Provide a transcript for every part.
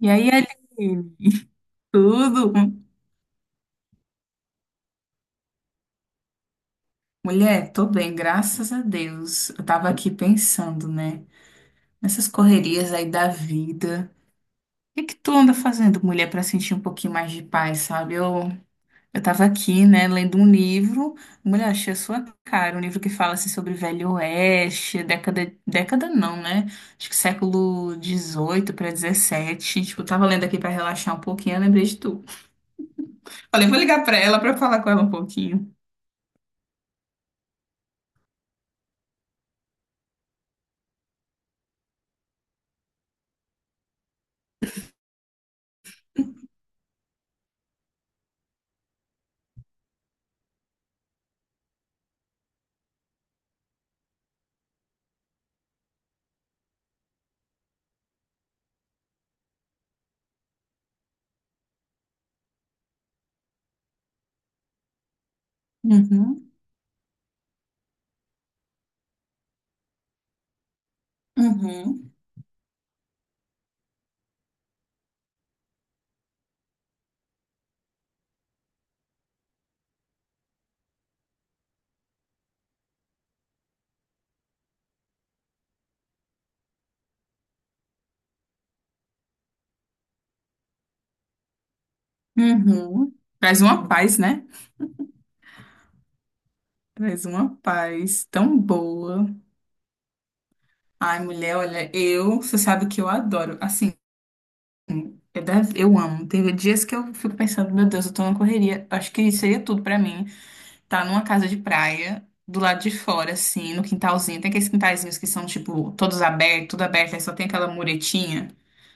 E aí, Aline? Tudo? Mulher, tô bem, graças a Deus. Eu tava aqui pensando, né? Nessas correrias aí da vida. O que que tu anda fazendo, mulher, pra sentir um pouquinho mais de paz, sabe? Eu tava aqui, né, lendo um livro. Mulher, achei a sua cara. Um livro que fala, assim, sobre Velho Oeste, década... Década não, né? Acho que século dezoito para dezessete. Tipo, eu tava lendo aqui pra relaxar um pouquinho, eu lembrei de tu. Falei, vou ligar pra ela pra eu falar com ela um pouquinho. Uhum. Uhum, uhum. Traz uma paz, né? Traz uma paz tão boa. Ai, mulher, olha, eu, você sabe que eu adoro. Assim, eu amo. Teve dias que eu fico pensando, meu Deus, eu tô numa correria. Acho que seria tudo pra mim. Tá numa casa de praia, do lado de fora, assim, no quintalzinho. Tem aqueles quintalzinhos que são, tipo, todos abertos, tudo aberto, aí só tem aquela muretinha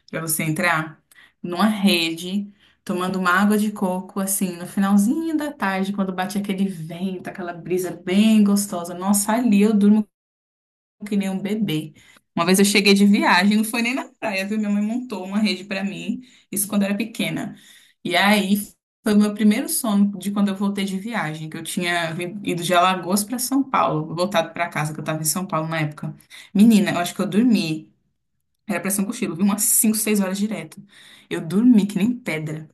para você entrar numa rede, tomando uma água de coco, assim, no finalzinho da tarde, quando bate aquele vento, aquela brisa bem gostosa. Nossa, ali eu durmo que nem um bebê. Uma vez eu cheguei de viagem, não foi nem na praia, viu? Minha mãe montou uma rede para mim, isso quando eu era pequena. E aí foi o meu primeiro sono de quando eu voltei de viagem, que eu tinha ido de Alagoas para São Paulo, voltado para casa, que eu estava em São Paulo na época. Menina, eu acho que eu dormi. Era pressão ser um cochilo, viu? Umas 5 6 horas direto. Eu dormi que nem pedra.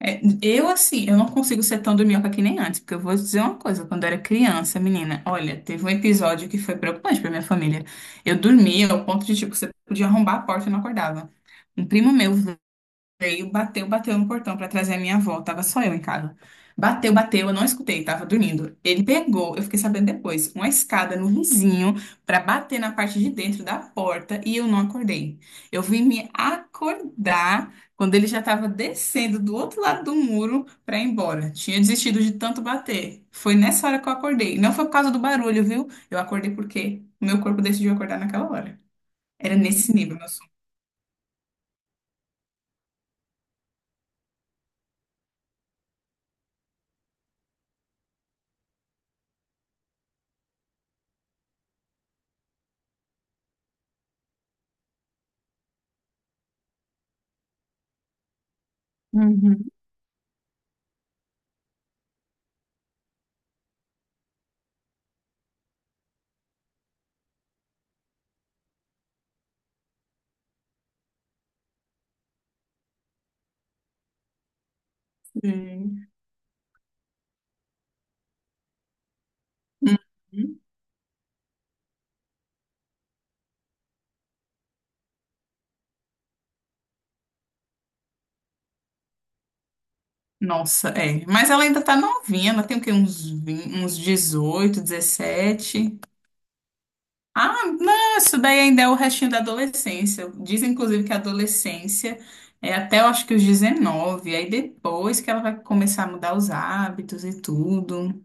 É, eu, assim, eu não consigo ser tão dorminhoca que nem antes, porque eu vou dizer uma coisa. Quando eu era criança, menina, olha, teve um episódio que foi preocupante pra minha família. Eu dormia ao ponto de, tipo, você podia arrombar a porta e não acordava. Um primo meu veio, bateu, bateu no portão pra trazer a minha avó. Tava só eu em casa. Bateu, bateu, eu não escutei, tava dormindo. Ele pegou, eu fiquei sabendo depois, uma escada no vizinho pra bater na parte de dentro da porta e eu não acordei. Eu vim me acordar quando ele já tava descendo do outro lado do muro pra ir embora. Tinha desistido de tanto bater. Foi nessa hora que eu acordei. Não foi por causa do barulho, viu? Eu acordei porque o meu corpo decidiu acordar naquela hora. Era nesse nível, meu sono. Uhum. Sim. Uhum. Nossa, é. Mas ela ainda tá novinha, ela tem o quê? Uns, 20, uns 18, 17. Ah, não, isso daí ainda é o restinho da adolescência. Diz inclusive, que a adolescência é até, eu acho que os 19. Aí depois que ela vai começar a mudar os hábitos e tudo.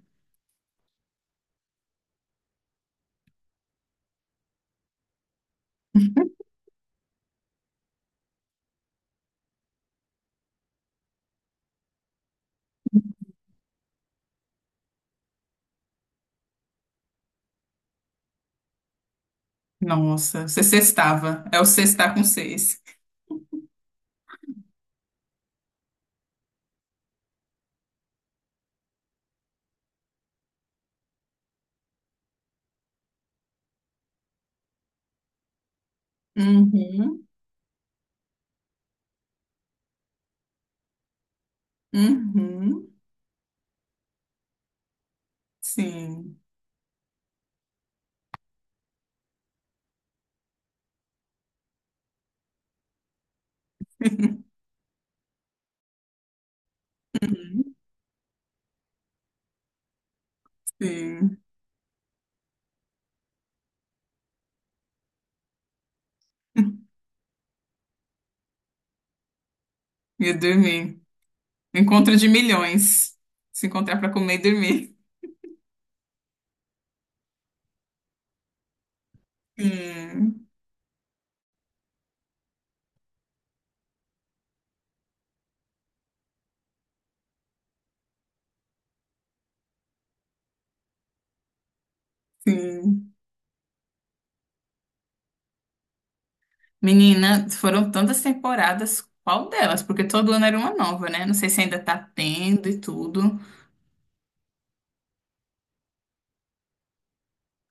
Nossa, você sextava. É o sextar com seis. Uhum, uhum, sim, uhum, sim. E dormir. Encontro de milhões. Se encontrar para comer e dormir. Sim, sim. Menina, foram tantas temporadas, qual delas? Porque todo ano era uma nova, né? Não sei se ainda tá tendo e tudo.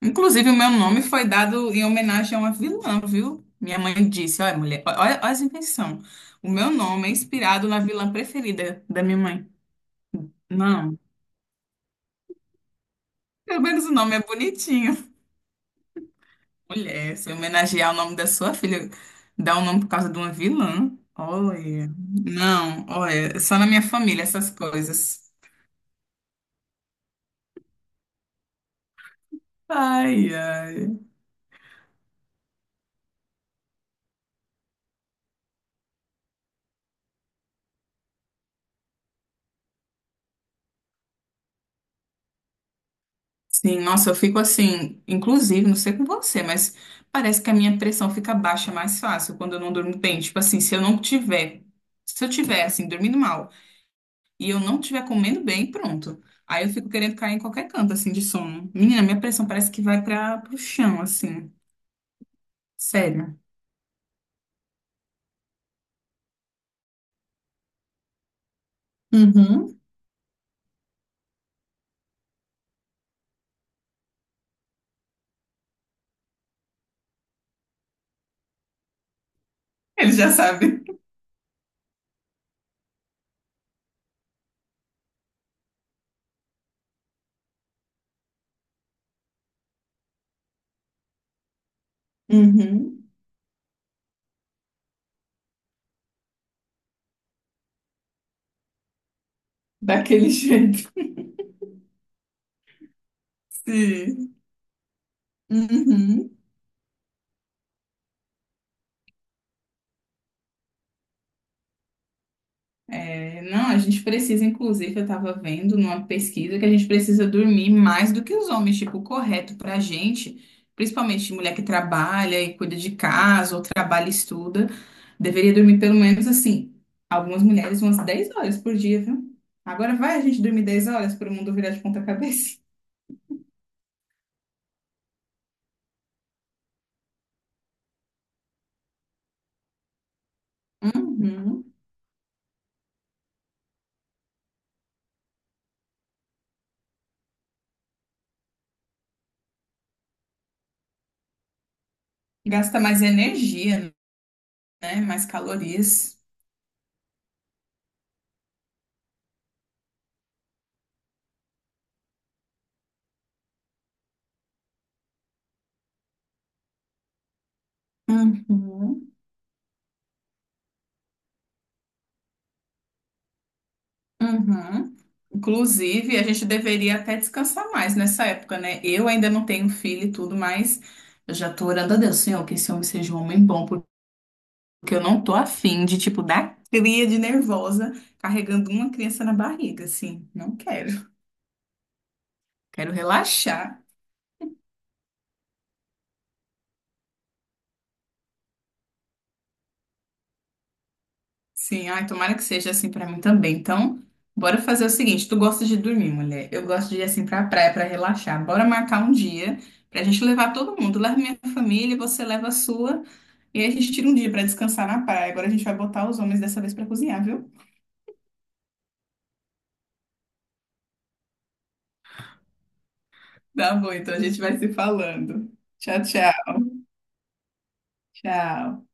Inclusive, o meu nome foi dado em homenagem a uma vilã, viu? Minha mãe disse: Olha, mulher, olha, olha as invenções. O meu nome é inspirado na vilã preferida da minha mãe. Não, pelo menos o nome é bonitinho. Mulher, se homenagear o nome da sua filha, dar um nome por causa de uma vilã. Olha, não, olha, só na minha família essas coisas. Ai, ai. Sim, nossa, eu fico assim, inclusive, não sei com você, mas parece que a minha pressão fica baixa mais fácil quando eu não durmo bem. Tipo assim, se eu tiver assim, dormindo mal e eu não tiver comendo bem, pronto. Aí eu fico querendo cair em qualquer canto assim de sono. Menina, minha pressão parece que vai para pro chão assim. Sério. Uhum. Ele já sabe. Uhum. Daquele jeito. Sim. Uhum. É, não, a gente precisa, inclusive, eu estava vendo numa pesquisa que a gente precisa dormir mais do que os homens, tipo, o correto para a gente, principalmente mulher que trabalha e cuida de casa, ou trabalha e estuda, deveria dormir pelo menos assim, algumas mulheres umas 10 horas por dia, viu? Agora vai a gente dormir 10 horas para o mundo virar de ponta cabeça. Uhum. Gasta mais energia, né? Mais calorias. Uhum. Uhum. Inclusive, a gente deveria até descansar mais nessa época, né? Eu ainda não tenho filho e tudo, mas eu já tô orando a Deus, Senhor, que esse homem seja um homem bom, porque eu não tô afim de, tipo, dar cria de nervosa carregando uma criança na barriga, assim. Não quero. Quero relaxar. Sim, ai, tomara que seja assim pra mim também. Então, bora fazer o seguinte: tu gosta de dormir, mulher? Eu gosto de ir assim pra praia pra relaxar. Bora marcar um dia pra gente levar todo mundo. Leva minha família, você leva a sua. E aí a gente tira um dia pra descansar na praia. Agora a gente vai botar os homens dessa vez pra cozinhar, viu? Tá bom, então a gente vai se falando. Tchau, tchau. Tchau.